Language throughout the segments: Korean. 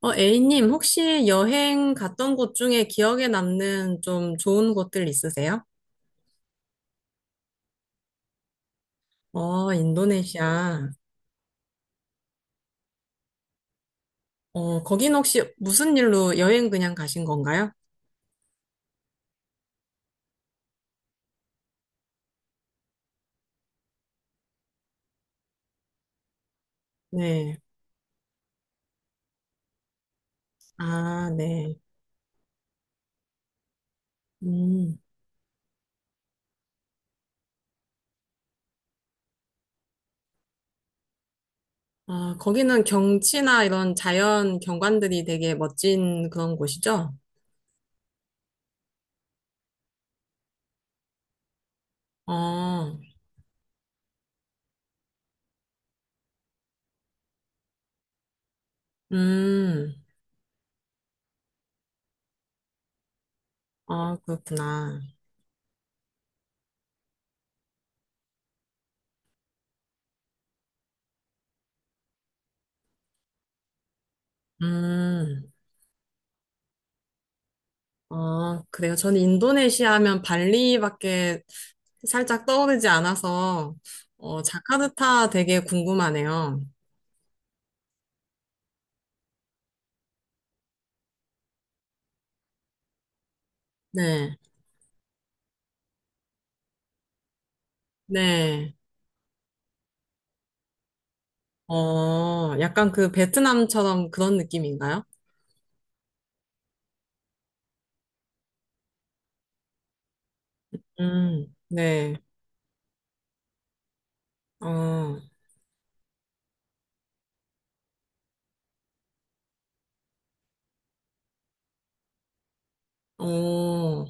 A님, 혹시 여행 갔던 곳 중에 기억에 남는 좀 좋은 곳들 있으세요? 인도네시아. 거긴 혹시 무슨 일로 여행 그냥 가신 건가요? 네. 아, 네. 음. 아, 거기는 경치나 이런 자연 경관들이 되게 멋진 그런 곳이죠? 어, 음. 아, 그렇구나. 음. 그래요. 저는 인도네시아 하면 발리밖에 살짝 떠오르지 않아서, 자카르타 되게 궁금하네요. 네, 네. 약간 그 베트남처럼 그런 느낌인가요? 네. 어, 어,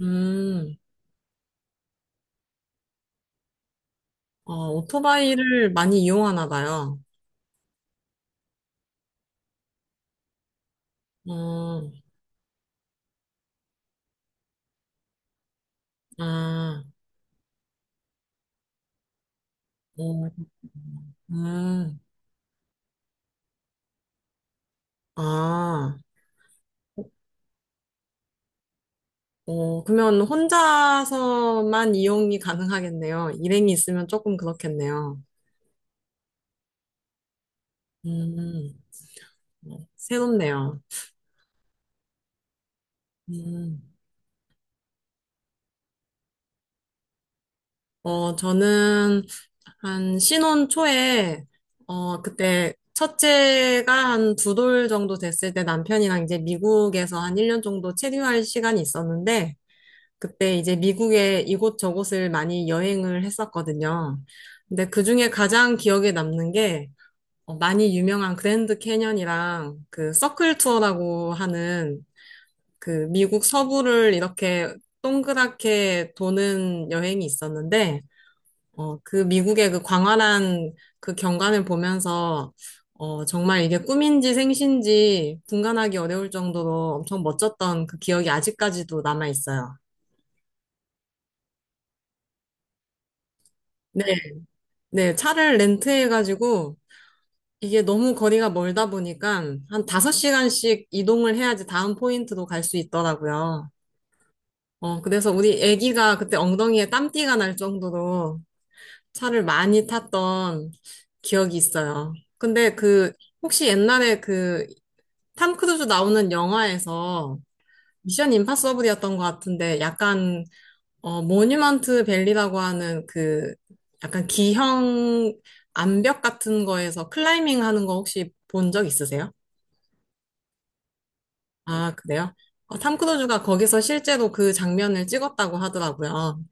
음, 어, 오토바이를 많이 이용하나 봐요. 어, 아, 어, 음, 아. 그러면 혼자서만 이용이 가능하겠네요. 일행이 있으면 조금 그렇겠네요. 음, 어, 새롭네요. 음. 저는 한 신혼 초에, 그때 첫째가 한 두 돌 정도 됐을 때 남편이랑 이제 미국에서 한 1년 정도 체류할 시간이 있었는데, 그때 이제 미국의 이곳저곳을 많이 여행을 했었거든요. 근데 그중에 가장 기억에 남는 게, 많이 유명한 그랜드 캐년이랑 그 서클 투어라고 하는 그 미국 서부를 이렇게 동그랗게 도는 여행이 있었는데, 그 미국의 그 광활한 그 경관을 보면서, 정말 이게 꿈인지 생신지 분간하기 어려울 정도로 엄청 멋졌던 그 기억이 아직까지도 남아 있어요. 네, 네, 차를 렌트해가지고, 이게 너무 거리가 멀다 보니까 한 5시간씩 이동을 해야지 다음 포인트도 갈 수 있더라고요. 그래서 우리 애기가 그때 엉덩이에 땀띠가 날 정도로 차를 많이 탔던 기억이 있어요. 근데 그, 혹시 옛날에 그, 탐 크루즈 나오는 영화에서 미션 임파서블이었던 것 같은데 약간, 모뉴먼트 밸리라고 하는 그, 약간 기형 암벽 같은 거에서 클라이밍 하는 거 혹시 본 적 있으세요? 아, 그래요? 탐 크루즈가 거기서 실제로 그 장면을 찍었다고 하더라고요.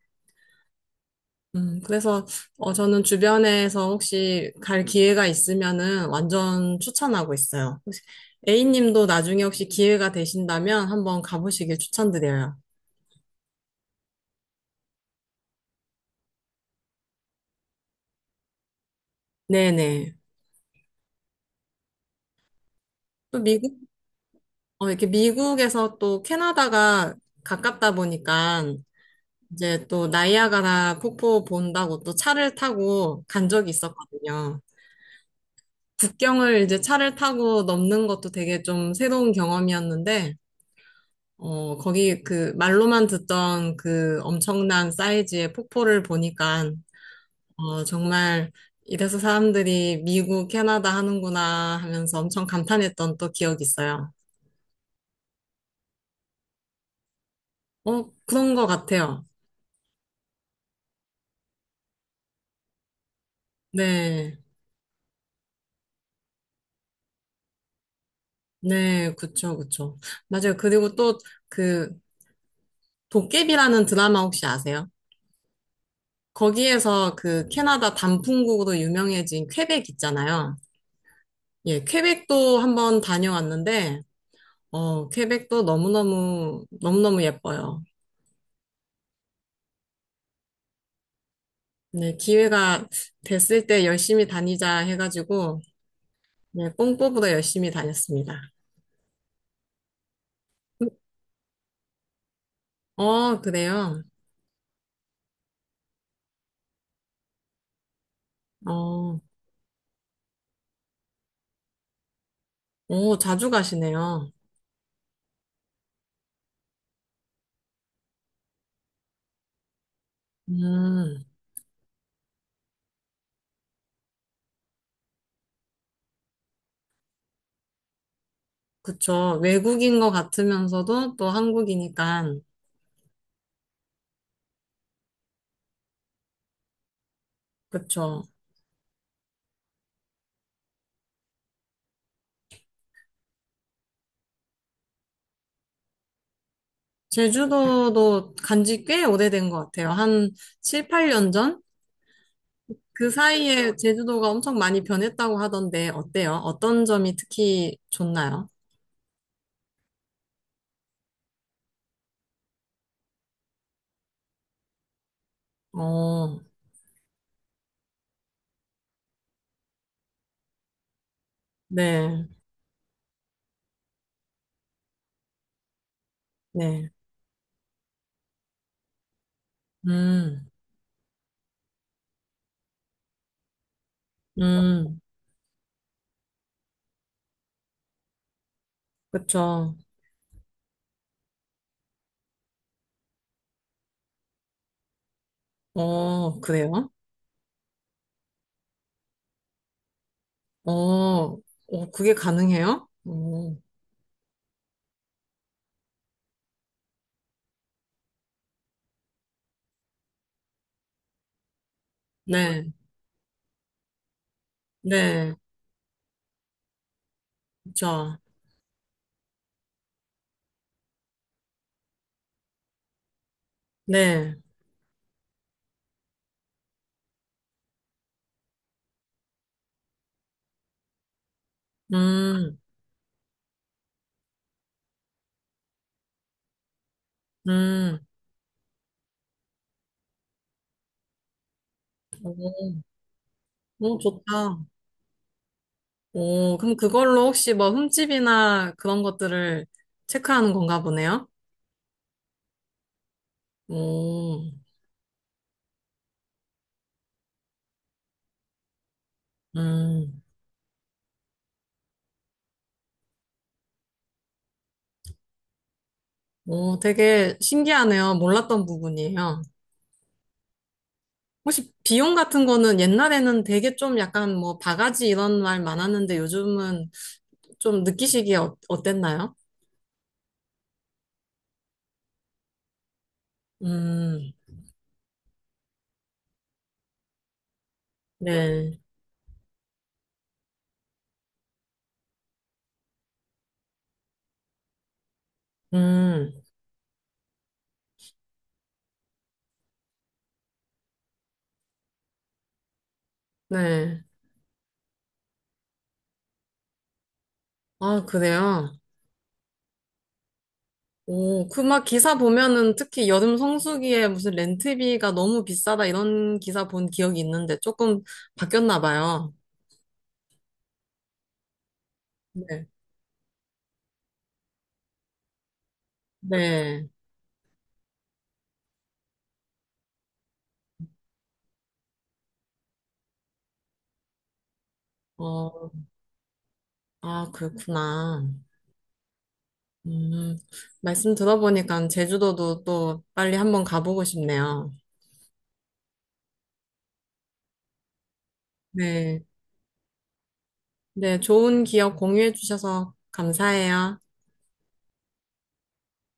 그래서 저는 주변에서 혹시 갈 기회가 있으면은 완전 추천하고 있어요. 혹시 A님도 나중에 혹시 기회가 되신다면 한번 가보시길 추천드려요. 네네. 또 미국, 이렇게 미국에서 또 캐나다가 가깝다 보니까 이제 또 나이아가라 폭포 본다고 또 차를 타고 간 적이 있었거든요. 국경을 이제 차를 타고 넘는 것도 되게 좀 새로운 경험이었는데 거기 그 말로만 듣던 그 엄청난 사이즈의 폭포를 보니까, 정말 이래서 사람들이 미국, 캐나다 하는구나 하면서 엄청 감탄했던 또 기억이 있어요. 그런 것 같아요. 네. 네, 그쵸, 그쵸. 맞아요. 그리고 또 그 도깨비라는 드라마 혹시 아세요? 거기에서 그 캐나다 단풍국으로 유명해진 퀘벡 있잖아요. 예, 퀘벡도 한번 다녀왔는데, 퀘벡도 너무너무, 너무너무 예뻐요. 네, 기회가 됐을 때 열심히 다니자 해가지고, 네, 뽕뽀보다 열심히 다녔습니다. 어, 그래요? 어, 오, 자주 가시네요. 음, 그쵸. 외국인 것 같으면서도 또 한국이니까, 그쵸. 제주도도 간지 꽤 오래된 것 같아요. 한 7, 8년 전? 그 사이에 제주도가 엄청 많이 변했다고 하던데, 어때요? 어떤 점이 특히 좋나요? 어, 네, 네, 음, 음, 그쵸. 어, 그래요? 어, 어, 그게 가능해요? 어, 네, 네, 그쵸. 네, 음, 음, 어, 좋다. 그럼 그걸로 혹시 뭐 흠집이나 그런 것들을 체크하는 건가 보네요? 오, 음, 오, 되게 신기하네요. 몰랐던 부분이에요. 혹시 비용 같은 거는 옛날에는 되게 좀 약간 뭐 바가지 이런 말 많았는데 요즘은 좀 느끼시기에 어, 어땠나요? 음, 네. 음, 네. 아, 그래요? 오, 그 막 기사 보면은 특히 여름 성수기에 무슨 렌트비가 너무 비싸다 이런 기사 본 기억이 있는데 조금 바뀌었나 봐요. 네. 네. 어, 아, 그렇구나. 음, 말씀 들어보니까 제주도도 또 빨리 한번 가보고 싶네요. 네. 네, 좋은 기억 공유해 주셔서 감사해요.